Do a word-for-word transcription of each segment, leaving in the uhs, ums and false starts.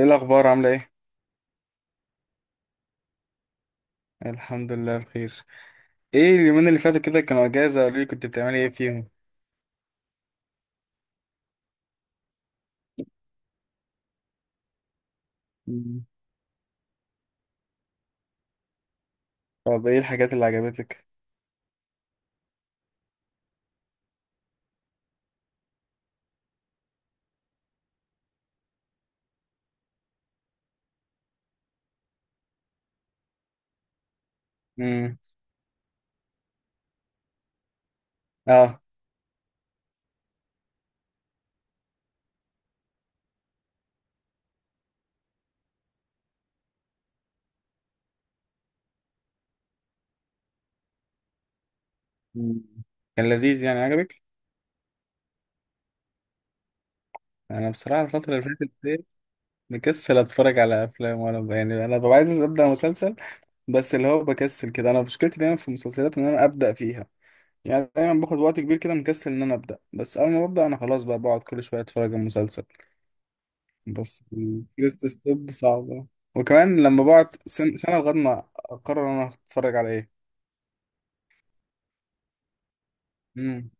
ايه الاخبار؟ عامله ايه؟ الحمد لله بخير. ايه اليومين اللي فاتوا كده كانوا اجازه؟ قولي لي كنت بتعملي ايه فيهم. مم. طب ايه الحاجات اللي عجبتك؟ امم. اه. مم. كان لذيذ يعني؟ عجبك؟ انا بصراحه الفتره اللي فاتت دي مكسل اتفرج على افلام ولا ب- يعني انا ببقى عايز ابدا مسلسل. بس اللي هو بكسل كده، انا مشكلتي دايما في المسلسلات ان انا ابدا فيها. يعني دايما باخد وقت كبير كده مكسل ان انا ابدا، بس اول ما ببدا انا خلاص بقى بقعد كل شويه اتفرج على المسلسل. بس الفيرست ستيب صعبة. وكمان لما بقعد سن- سنة لغاية ما أقرر أنا هتفرج على إيه. امم.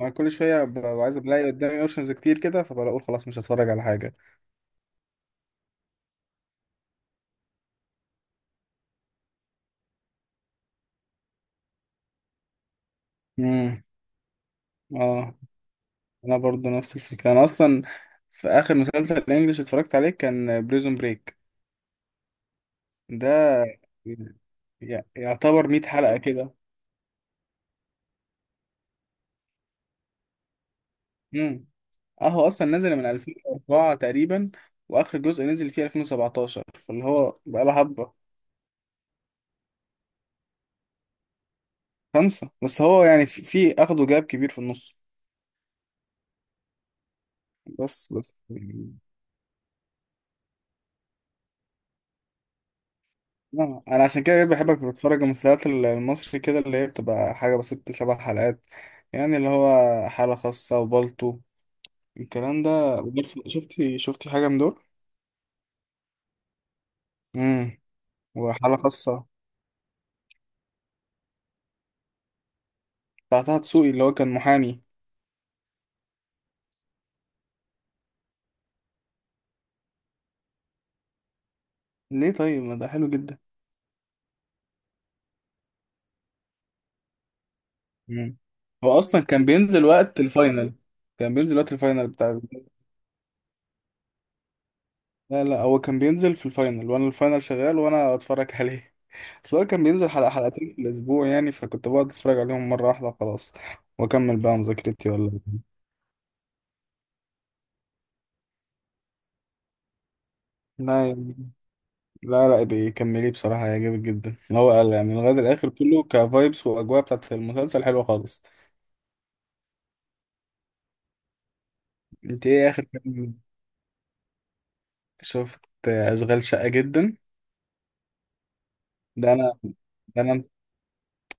أنا كل شوية ببقى عايز ألاقي قدامي أوبشنز كتير كده فبقول خلاص مش هتفرج على حاجة. امم. اه. أنا برضو نفس الفكرة. أنا أصلا في آخر مسلسل إنجلش اتفرجت عليه كان بريزون بريك. ده ي- يعتبر مية حلقة كده. امم. أهو أصلا نزل من ألفين أربعة تقريبا، وآخر جزء نزل فيه ألفين وسبعتاشر فاللي هو بقاله حبة. خمسة، بس هو يعني في, في أخده جاب كبير في النص. بس بس، لا، أنا عشان كده بحب أتفرج المسلسلات المصري كده اللي هي بتبقى حاجة بس ست سبع حلقات. يعني اللي هو حالة خاصة وبالطو الكلام ده. شفتي شفتي حاجة من دول؟ امم. وحالة خاصة بتاع طه دسوقي اللي هو كان محامي. ليه؟ طيب ما ده حلو جدا. مم. هو أصلا كان بينزل وقت الفاينل. كان بينزل وقت الفاينل بتاع. لا لا، هو كان بينزل في الفاينل وأنا الفاينل شغال وأنا أتفرج عليه. بس هو كان بينزل حلقة حلقتين في الأسبوع يعني فكنت بقعد أتفرج عليهم مرة واحدة خلاص، وأكمل بقى مذاكرتي ولا. لا يعني. لا لا، بيكمليه بصراحة هيعجبك جدا اللي هو قال يعني لغاية الآخر كله كفايبس وأجواء بتاعت المسلسل حلوة خالص. أنت إيه آخر فيلم شفت؟ أشغال شقة جدا. ده أنا ده أنا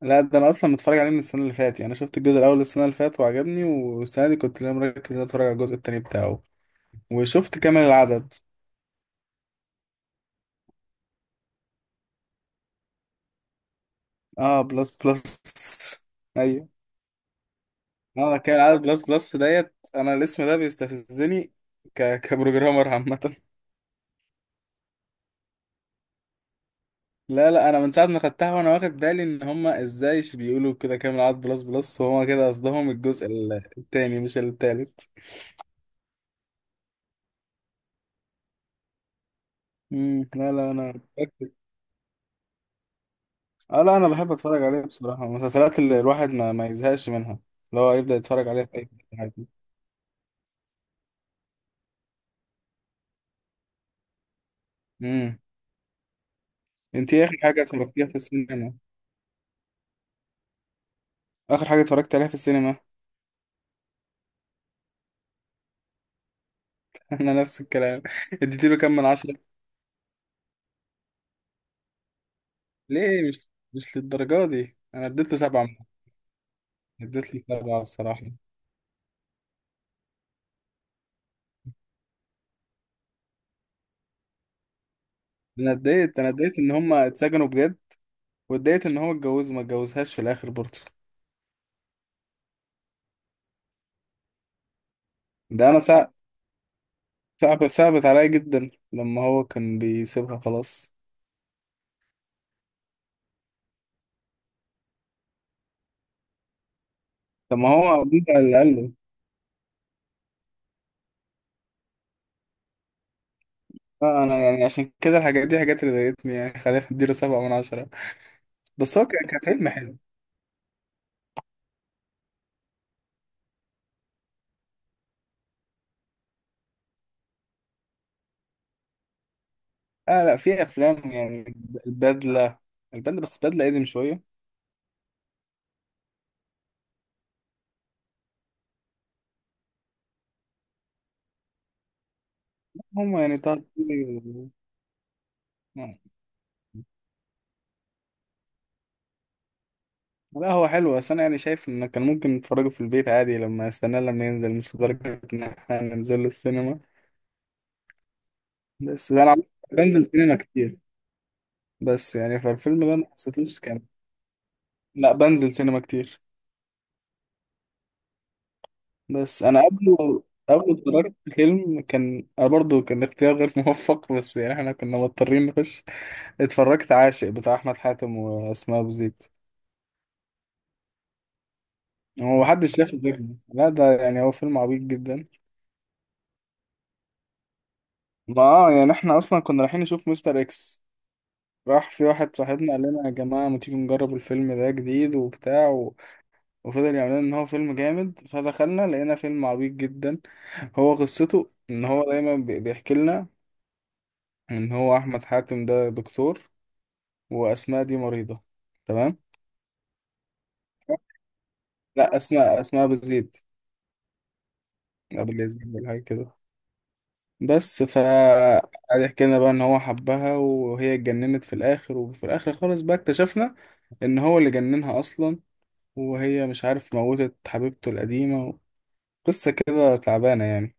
لا، ده أنا أصلا متفرج عليه من السنة اللي فاتت. يعني أنا شفت الجزء الأول السنة اللي فاتت وعجبني، والسنة دي كنت لا مركز إن أنا أتفرج على الجزء التاني بتاعه. وشفت كامل العدد. آه بلس بلس. أيوه. اه كان عدد بلس بلس ديت، انا الاسم ده بيستفزني. ك... كبروجرامر عامة. لا لا، انا من ساعة ما خدتها وانا واخد بالي ان هما ازاي ش- بيقولوا كده كامل عدد بلس بلس، وهما كده قصدهم الجزء ال- التاني مش التالت. مم. لا لا، انا متأكد. اه لا، انا بحب اتفرج عليه بصراحة. المسلسلات اللي الواحد ما, ما يزهقش منها، اللي هو يبدأ يتفرج عليها في اي وقت عادي. امم. انت ايه اخر حاجة اتفرجتيها في السينما؟ اخر حاجة اتفرجت عليها في السينما. انا نفس الكلام. اديتيله كام من عشرة؟ ليه؟ مش مش للدرجة دي، انا اديت له سبعة من- اديت له سبعة بصراحة. انا اتضايقت انا اتضايقت ان هما اتسجنوا بجد، واتضايقت ان هو اتجوز ما اتجوزهاش في الاخر برضه. ده انا صعب. صعب صعبت عليا جدا لما هو كان بيسيبها خلاص. طب ما هو بيبقى اللي قال له. اه انا يعني عشان كده الحاجات دي حاجات اللي ضايقتني، يعني خلينا نديله سبعة من عشرة. بس هو كان كان فيلم حلو. اه لا في افلام يعني. البدلة. البدلة بس البدلة قديم شوية. هما يعني طه دسوقي. لا هو حلو، بس انا يعني شايف ان كان ممكن نتفرجوا في البيت عادي لما استناه لما ينزل، مش لدرجة ان احنا ننزل له السينما. بس ده انا عم- بنزل سينما كتير. بس يعني فالفيلم ده ما حسيتوش كان. لا بنزل سينما كتير. بس انا قبله قبله اتفرجت فيلم، كان انا برضه كان اختيار غير موفق، بس يعني احنا كنا مضطرين نخش. اتفرجت عاشق بتاع احمد حاتم واسماء ابو زيد. هو محدش شافه غيرنا. لا، ده يعني هو فيلم عبيط جدا. ما اه، يعني احنا اصلا كنا رايحين نشوف مستر اكس. راح في واحد صاحبنا قال لنا يا جماعة ما تيجي نجرب الفيلم ده جديد وبتاع و... وفضل يعمل لنا ان هو فيلم جامد، فدخلنا لقينا فيلم عبيط جدا. هو قصته ان هو دايما بي- بيحكي لنا ان هو احمد حاتم ده دكتور، واسماء دي مريضة. تمام. لا اسماء، اسماء بتزيد. ابو اليزيد ولا حاجة كده. بس ف قعد يحكي لنا بقى ان هو حبها، وهي اتجننت في الاخر، وفي الاخر خالص بقى اكتشفنا ان هو اللي جننها اصلا، وهي مش عارف موتت حبيبته القديمة. قصة كده تعبانة يعني.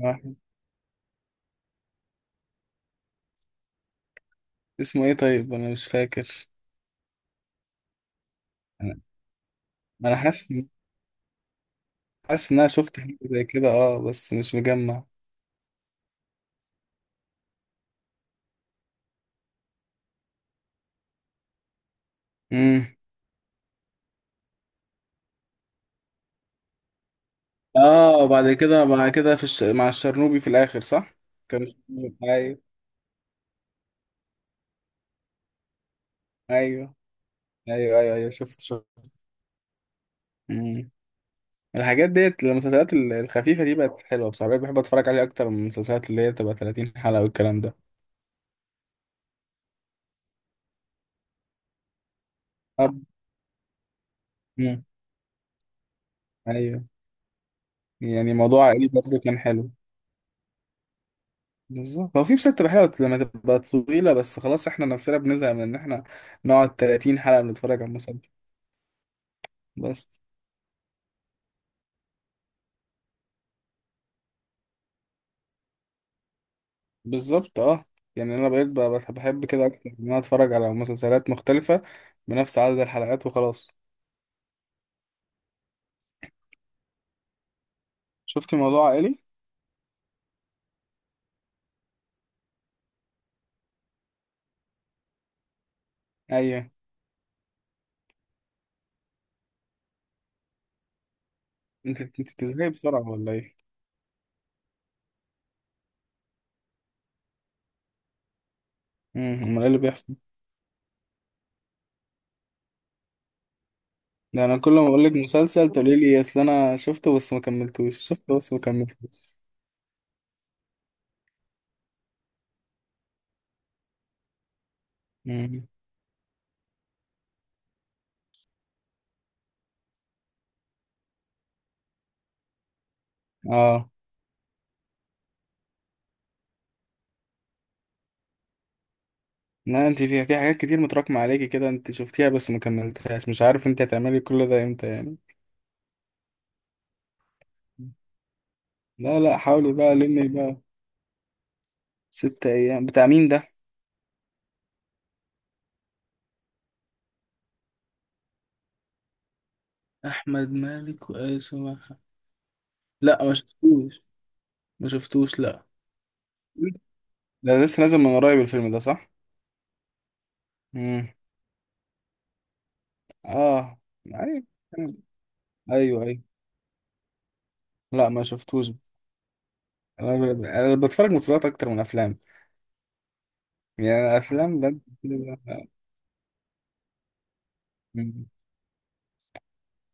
واحد. اسمه ايه؟ طيب انا مش فاكر. انا أنا حاسس. حاسس ان انا شفت حاجة زي كده اه، بس مش مجمع. امم. اه بعد كده بعد كده في الش... مع الشرنوبي في الاخر صح؟ كان الشرنوبي- ايوه. ايوه ايوه ايوه ايوه شفت شفت. مم. الحاجات ديت المسلسلات ال- الخفيفة دي بقت حلوة بصراحة. بقيت بحب اتفرج عليها اكتر من المسلسلات اللي هي بتبقى ثلاثين حلقة والكلام ده. طب. مم. ايوه. يعني موضوع عائلي برضه كان حلو. بالظبط، هو في مسلسلات حلوة لما تبقى طويلة، بس خلاص احنا نفسنا بنزهق من ان احنا نقعد ثلاثين حلقة بنتفرج على مسلسل. بس بالظبط اه. يعني انا بقيت ب- بت- بحب كده اكتر ان انا اتفرج على مسلسلات مختلفة بنفس عدد الحلقات وخلاص. شفت موضوع عائلي؟ ايوه. انت انت بتزهقي بسرعة ولا ايه؟ امم امال ايه اللي بيحصل؟ ده انا كل ما بقول لك مسلسل تقولي لي اصل انا شفته بس ما كملتوش، شفته بس ما كملتوش. امم. اه لا، انت في في حاجات كتير متراكمة عليكي كده، انت شفتيها بس ما كملتهاش، مش عارف انت هتعملي كل ده امتى يعني. لا لا، حاولي بقى لمي بقى. ست ايام بتاع مين ده؟ احمد مالك وايسو مرحب. لا ما شفتوش. ما شفتوش، لا. ده لسه نازل من قريب الفيلم ده صح؟ امم. اه. ايوه ايوه ايوه. لا ما شفتوش. انا ب- انا بتفرج مسلسلات اكتر من افلام. يعني أنا افلام بجد.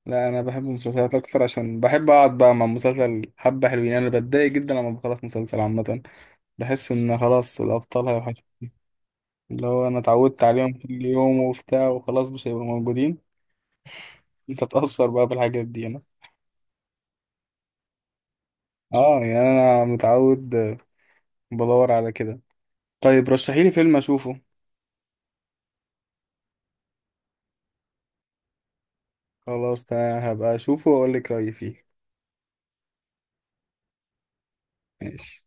لا انا بحب المسلسلات اكتر عشان بحب اقعد بقى مع مسلسل حبه حلوين. انا بتضايق جدا لما بخلص مسلسل عامه. بحس ان خلاص الابطال هيوحشوا، اللي هو انا اتعودت عليهم كل يوم وبتاع وخلاص مش هيبقوا موجودين. انت تأثر بقى بالحاجات دي. انا اه. يعني انا متعود آه، بدور على كده. طيب رشحيلي فيلم اشوفه. خلاص ده هبقى اشوفه واقول لك رايي فيه. ماشي.